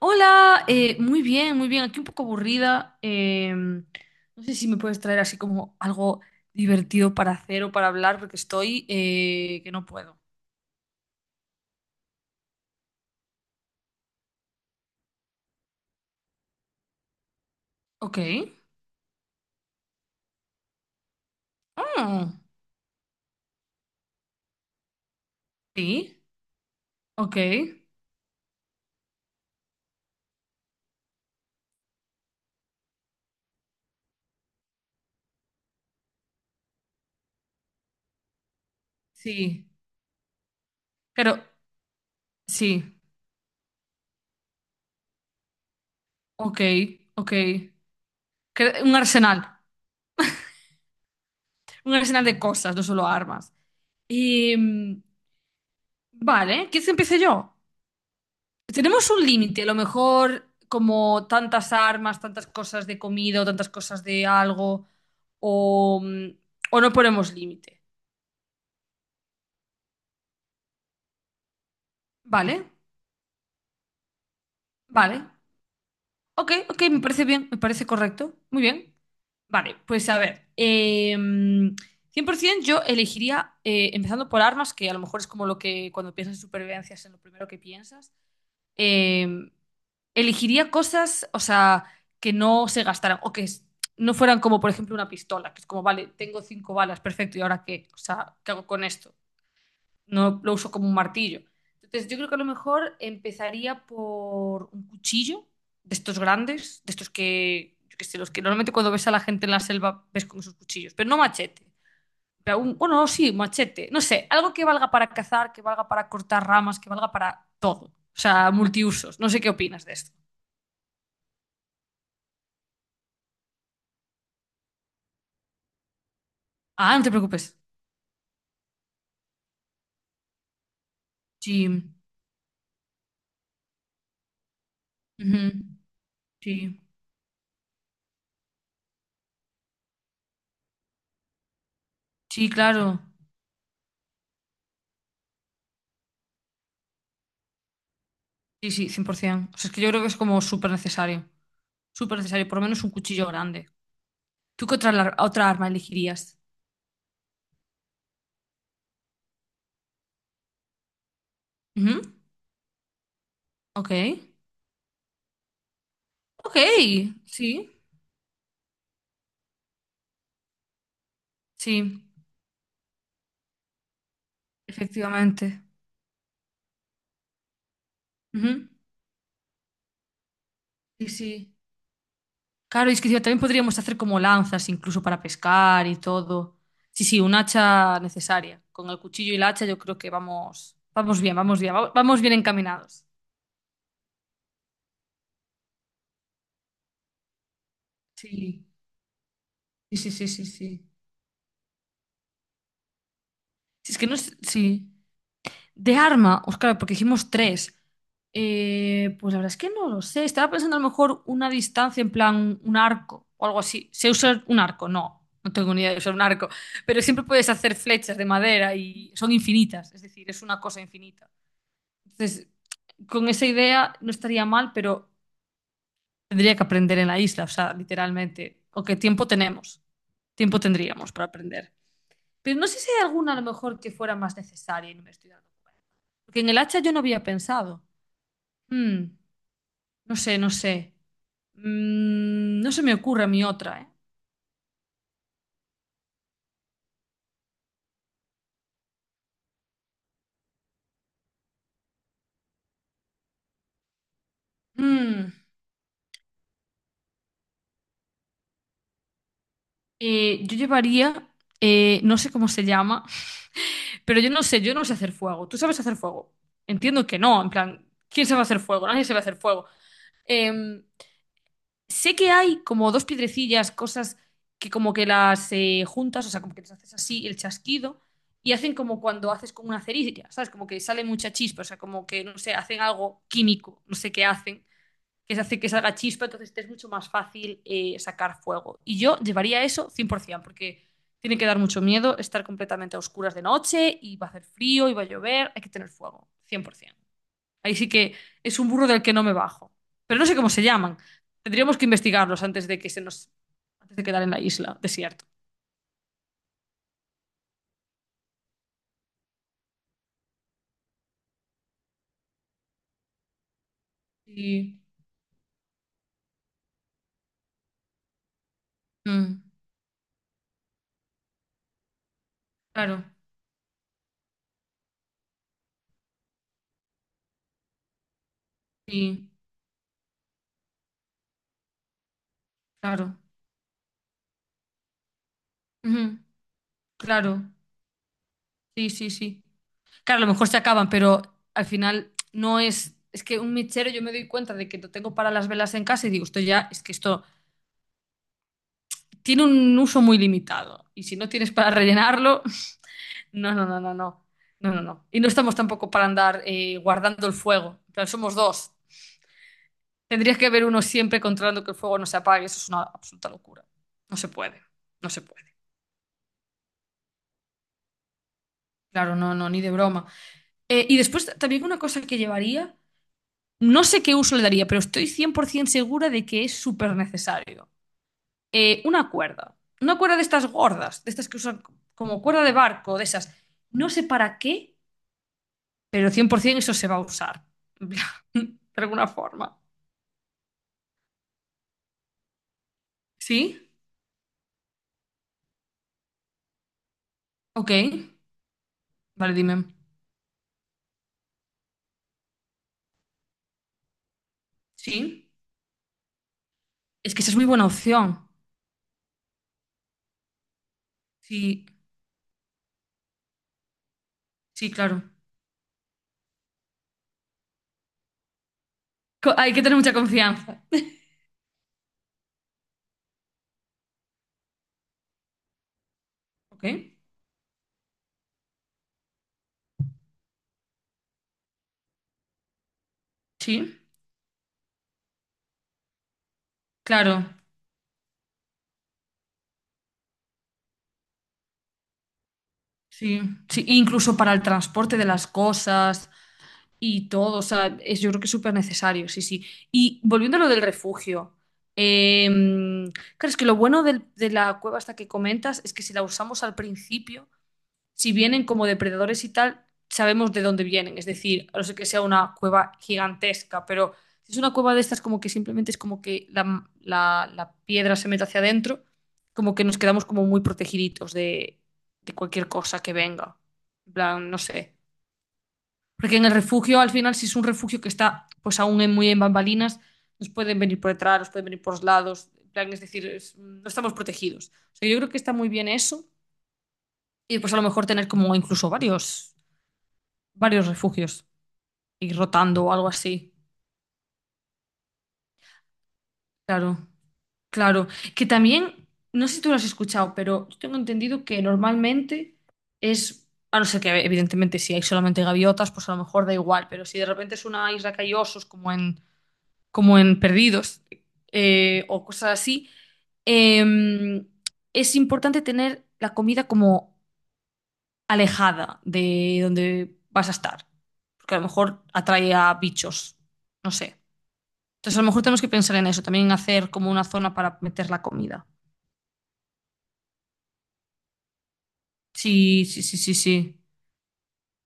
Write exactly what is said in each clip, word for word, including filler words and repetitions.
Hola, eh, muy bien, muy bien. Aquí un poco aburrida. Em, no sé si me puedes traer así como algo divertido para hacer o para hablar, porque estoy eh, que no puedo. Ok. Ah, sí. Ok. Sí. Pero sí. Ok. Ok. Que- Un arsenal. Un arsenal de cosas, no solo armas. Em, vale, ¿quieres que empiece yo? Tenemos un límite, a lo mejor como tantas armas, tantas cosas de comida o tantas cosas de algo, o, mm, o no ponemos límite. ¿Vale? Vale. Ok, ok, me parece bien, me parece correcto. Muy bien. Vale, pues a ver, eh, cien por cien yo elegiría, eh, empezando por armas, que a lo mejor es como lo que cuando piensas en supervivencia es en lo primero que piensas. Eh, Elegiría cosas, o sea, que no se gastaran o que s- no fueran como, por ejemplo, una pistola, que es como, vale, tengo cinco balas, perfecto, ¿y ahora qué? O sea, ¿qué hago con esto? No lo uso como un martillo. Entonces, yo creo que a lo mejor empezaría por un cuchillo de estos grandes, de estos que, yo qué sé, los que normalmente cuando ves a la gente en la selva ves con esos cuchillos, pero no machete. Pero un- bueno, sí, machete, no sé, algo que valga para cazar, que valga para cortar ramas, que valga para todo. O sea, multiusos. No sé qué opinas de esto. Ah, no te preocupes. Sí, ujú, sí, sí, claro. Sí, sí, cien por cien. O sea, es que yo creo que es como súper necesario. Súper necesario, por lo menos un cuchillo grande. ¿Tú qué otra, lar- otra arma elegirías? Ujú, ok. Ok, sí, sí, efectivamente. Ujú, sí, sí. Claro, y es que encima también podríamos hacer como lanzas incluso para pescar y todo. Sí, sí, un hacha necesaria. Con el cuchillo y la hacha yo creo que vamos, vamos bien, vamos bien, va- vamos bien encaminados. Sí. Sí, sí, sí, sí, sí. Si es que no sé- sí. De arma, pues claro, porque hicimos tres. Eh, pues la verdad es que no lo sé. Estaba pensando a lo mejor una distancia en plan un arco o algo así. ¿Sé usar un arco? No, no tengo ni idea de usar un arco. Pero siempre puedes hacer flechas de madera y son infinitas. Es decir, es una cosa infinita. Entonces, con esa idea no estaría mal, pero tendría que aprender en la isla, o sea, literalmente. ¿O qué tiempo tenemos? Tiempo tendríamos para aprender. Pero no sé si hay alguna a lo mejor que fuera más necesaria y no me estoy dando cuenta. Porque en el hacha yo no había pensado. Mm, no sé, no sé. Mm, no se me ocurre a mí otra, ¿eh? Mm, eh, yo llevaría, eh, no sé cómo se llama, pero yo no sé, yo no sé hacer fuego. ¿Tú sabes hacer fuego? Entiendo que no, en plan, ¿quién sabe hacer fuego? Nadie sabe hacer fuego. Em, Sé que hay como dos piedrecillas, cosas que como que las eh, juntas, o sea, como que les haces así el chasquido y hacen como cuando haces con una cerilla, ¿sabes? Como que sale mucha chispa, o sea, como que, no sé, hacen algo químico, no sé qué hacen, que se hace que salga chispa, entonces te es mucho más fácil eh, sacar fuego. Y yo llevaría eso cien por cien, porque tiene que dar mucho miedo estar completamente a oscuras de noche y va a hacer frío y va a llover, hay que tener fuego, cien por cien. Ahí sí que es un burro del que no me bajo. Pero no sé cómo se llaman. Tendríamos que investigarlos antes de que se nos... antes de quedar en la isla, desierto. Sí. Mm, claro. Sí. Claro. Ujú, claro. Sí, sí, sí. Claro, a lo mejor se acaban, pero al final no es... Es que un mechero yo me doy cuenta de que lo tengo para las velas en casa y digo, esto ya, es que esto tiene un uso muy limitado. Y si no tienes para rellenarlo, no, no, no, no, no. No, no, no. Y no estamos tampoco para andar eh, guardando el fuego. En plan, somos dos. Tendrías que haber uno siempre controlando que el fuego no se apague. Eso es una absoluta locura. No se puede. No se puede. Claro, no, no, ni de broma. Eh, y después también una cosa que llevaría, no sé qué uso le daría, pero estoy cien por cien segura de que es súper necesario. Eh, una cuerda. Una cuerda de estas gordas, de estas que usan como cuerda de barco, de esas. No sé para qué, pero cien por cien eso se va a usar. De alguna forma. Sí, ok. Vale, dime. Sí. Es que esa es muy buena opción. Sí, sí, claro. Co- Hay que tener mucha confianza. Ok. Sí, claro. Sí, sí, incluso para el transporte de las cosas y todo. O sea, es, yo creo que es súper necesario, sí, sí. Y volviendo a lo del refugio. eh, claro, es que lo bueno del- de la cueva esta que comentas es que si la usamos al principio. Si vienen como depredadores y tal, sabemos de dónde vienen. Es decir, a no ser que sea una cueva gigantesca, pero si es una cueva de estas, como que simplemente es como que la, la- la piedra se mete hacia adentro, como que nos quedamos como muy protegiditos de, de cualquier cosa que venga. En plan, no sé. Porque en el refugio, al final, si es un refugio que está pues aún en- muy en bambalinas, nos pueden venir por detrás, nos pueden venir por los lados. En plan, es decir, es- no estamos protegidos. O sea, yo creo que está muy bien eso. Y después a lo mejor tener como incluso varios varios refugios y rotando o algo así. Claro, claro. Que también, no sé si tú lo has escuchado, pero yo tengo entendido que normalmente es, a no ser que evidentemente si hay solamente gaviotas, pues a lo mejor da igual, pero si de repente es una isla que hay osos como en, como en Perdidos eh, o cosas así, eh, es importante tener la comida como alejada de donde vas a estar, porque a lo mejor atrae a bichos, no sé. Entonces, a lo mejor tenemos que pensar en eso, también hacer como una zona para meter la comida. Sí, sí, sí, sí, sí.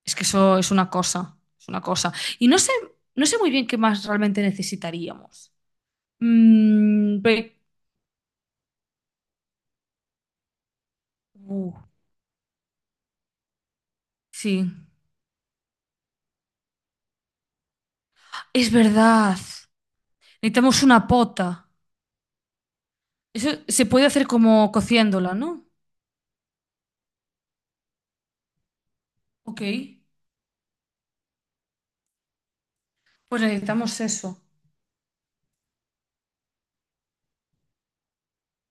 Es que eso es una cosa, es una cosa. Y no sé, no sé muy bien qué más realmente necesitaríamos. Mm, ve- uh, sí, es verdad. Necesitamos una pota. Eso se puede hacer como cociéndola, ¿no? Ok, pues necesitamos eso.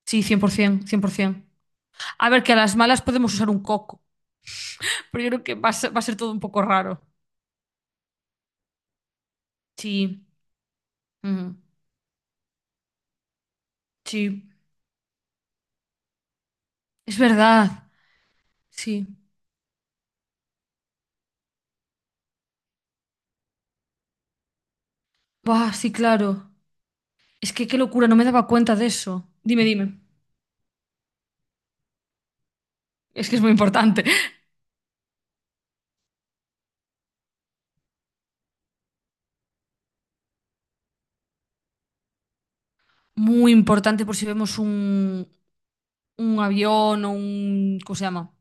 Sí, cien cien, por ciento, cien por cien. A ver, que a las malas podemos usar un coco, pero yo creo que va a ser, va a ser todo un poco raro. Sí. Ujú. Sí, es verdad. Sí. Buah, sí, claro. Es que qué locura, no me daba cuenta de eso. Dime, dime. Es que es muy importante. Muy importante por si vemos un, un avión o un, ¿cómo se llama?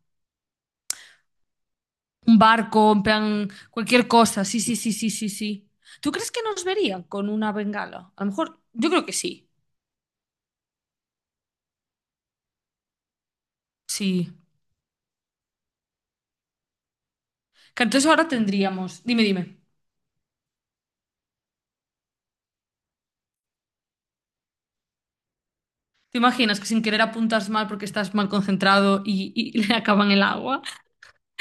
Un barco, en plan, cualquier cosa. Sí, sí, sí, sí, sí, sí. ¿Tú crees que nos verían con una bengala? A lo mejor, yo creo que sí. Sí. Que entonces ahora tendríamos. Dime, dime. ¿Te imaginas que sin querer apuntas mal porque estás mal concentrado y, y le acaban el agua?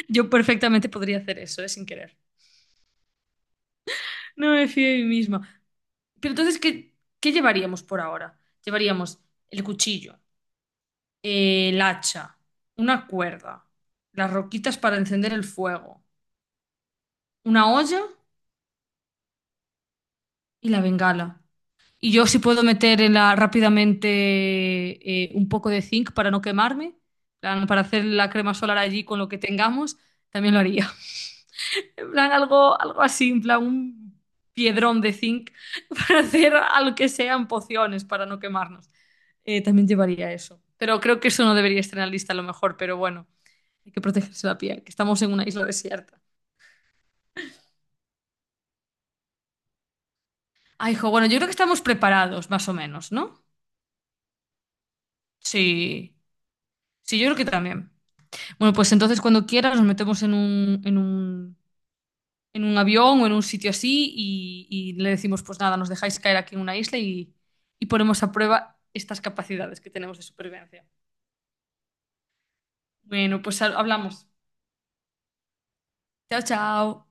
Yo perfectamente podría hacer eso, eh, sin querer. No me fío de mí misma. Pero entonces, ¿qué, qué llevaríamos por ahora? Llevaríamos el cuchillo, eh, el hacha, una cuerda, las roquitas para encender el fuego, una olla y la bengala. Y yo si puedo meter en la, rápidamente eh, un poco de zinc para no quemarme, plan, para hacer la crema solar allí con lo que tengamos, también lo haría. En plan, algo, algo así, en plan, un piedrón de zinc para hacer algo que sean pociones para no quemarnos. Eh, también llevaría eso. Pero creo que eso no debería estar en la lista a lo mejor, pero bueno, hay que protegerse la piel, que estamos en una isla desierta. Ay, hijo, bueno, yo creo que estamos preparados, más o menos, ¿no? Sí, sí, yo creo que también. Bueno, pues entonces cuando quieras nos metemos en un, en un en un avión o en un sitio así y, y le decimos, pues nada, nos dejáis caer aquí en una isla y, y ponemos a prueba estas capacidades que tenemos de supervivencia. Bueno, pues ha- hablamos. Chao, chao.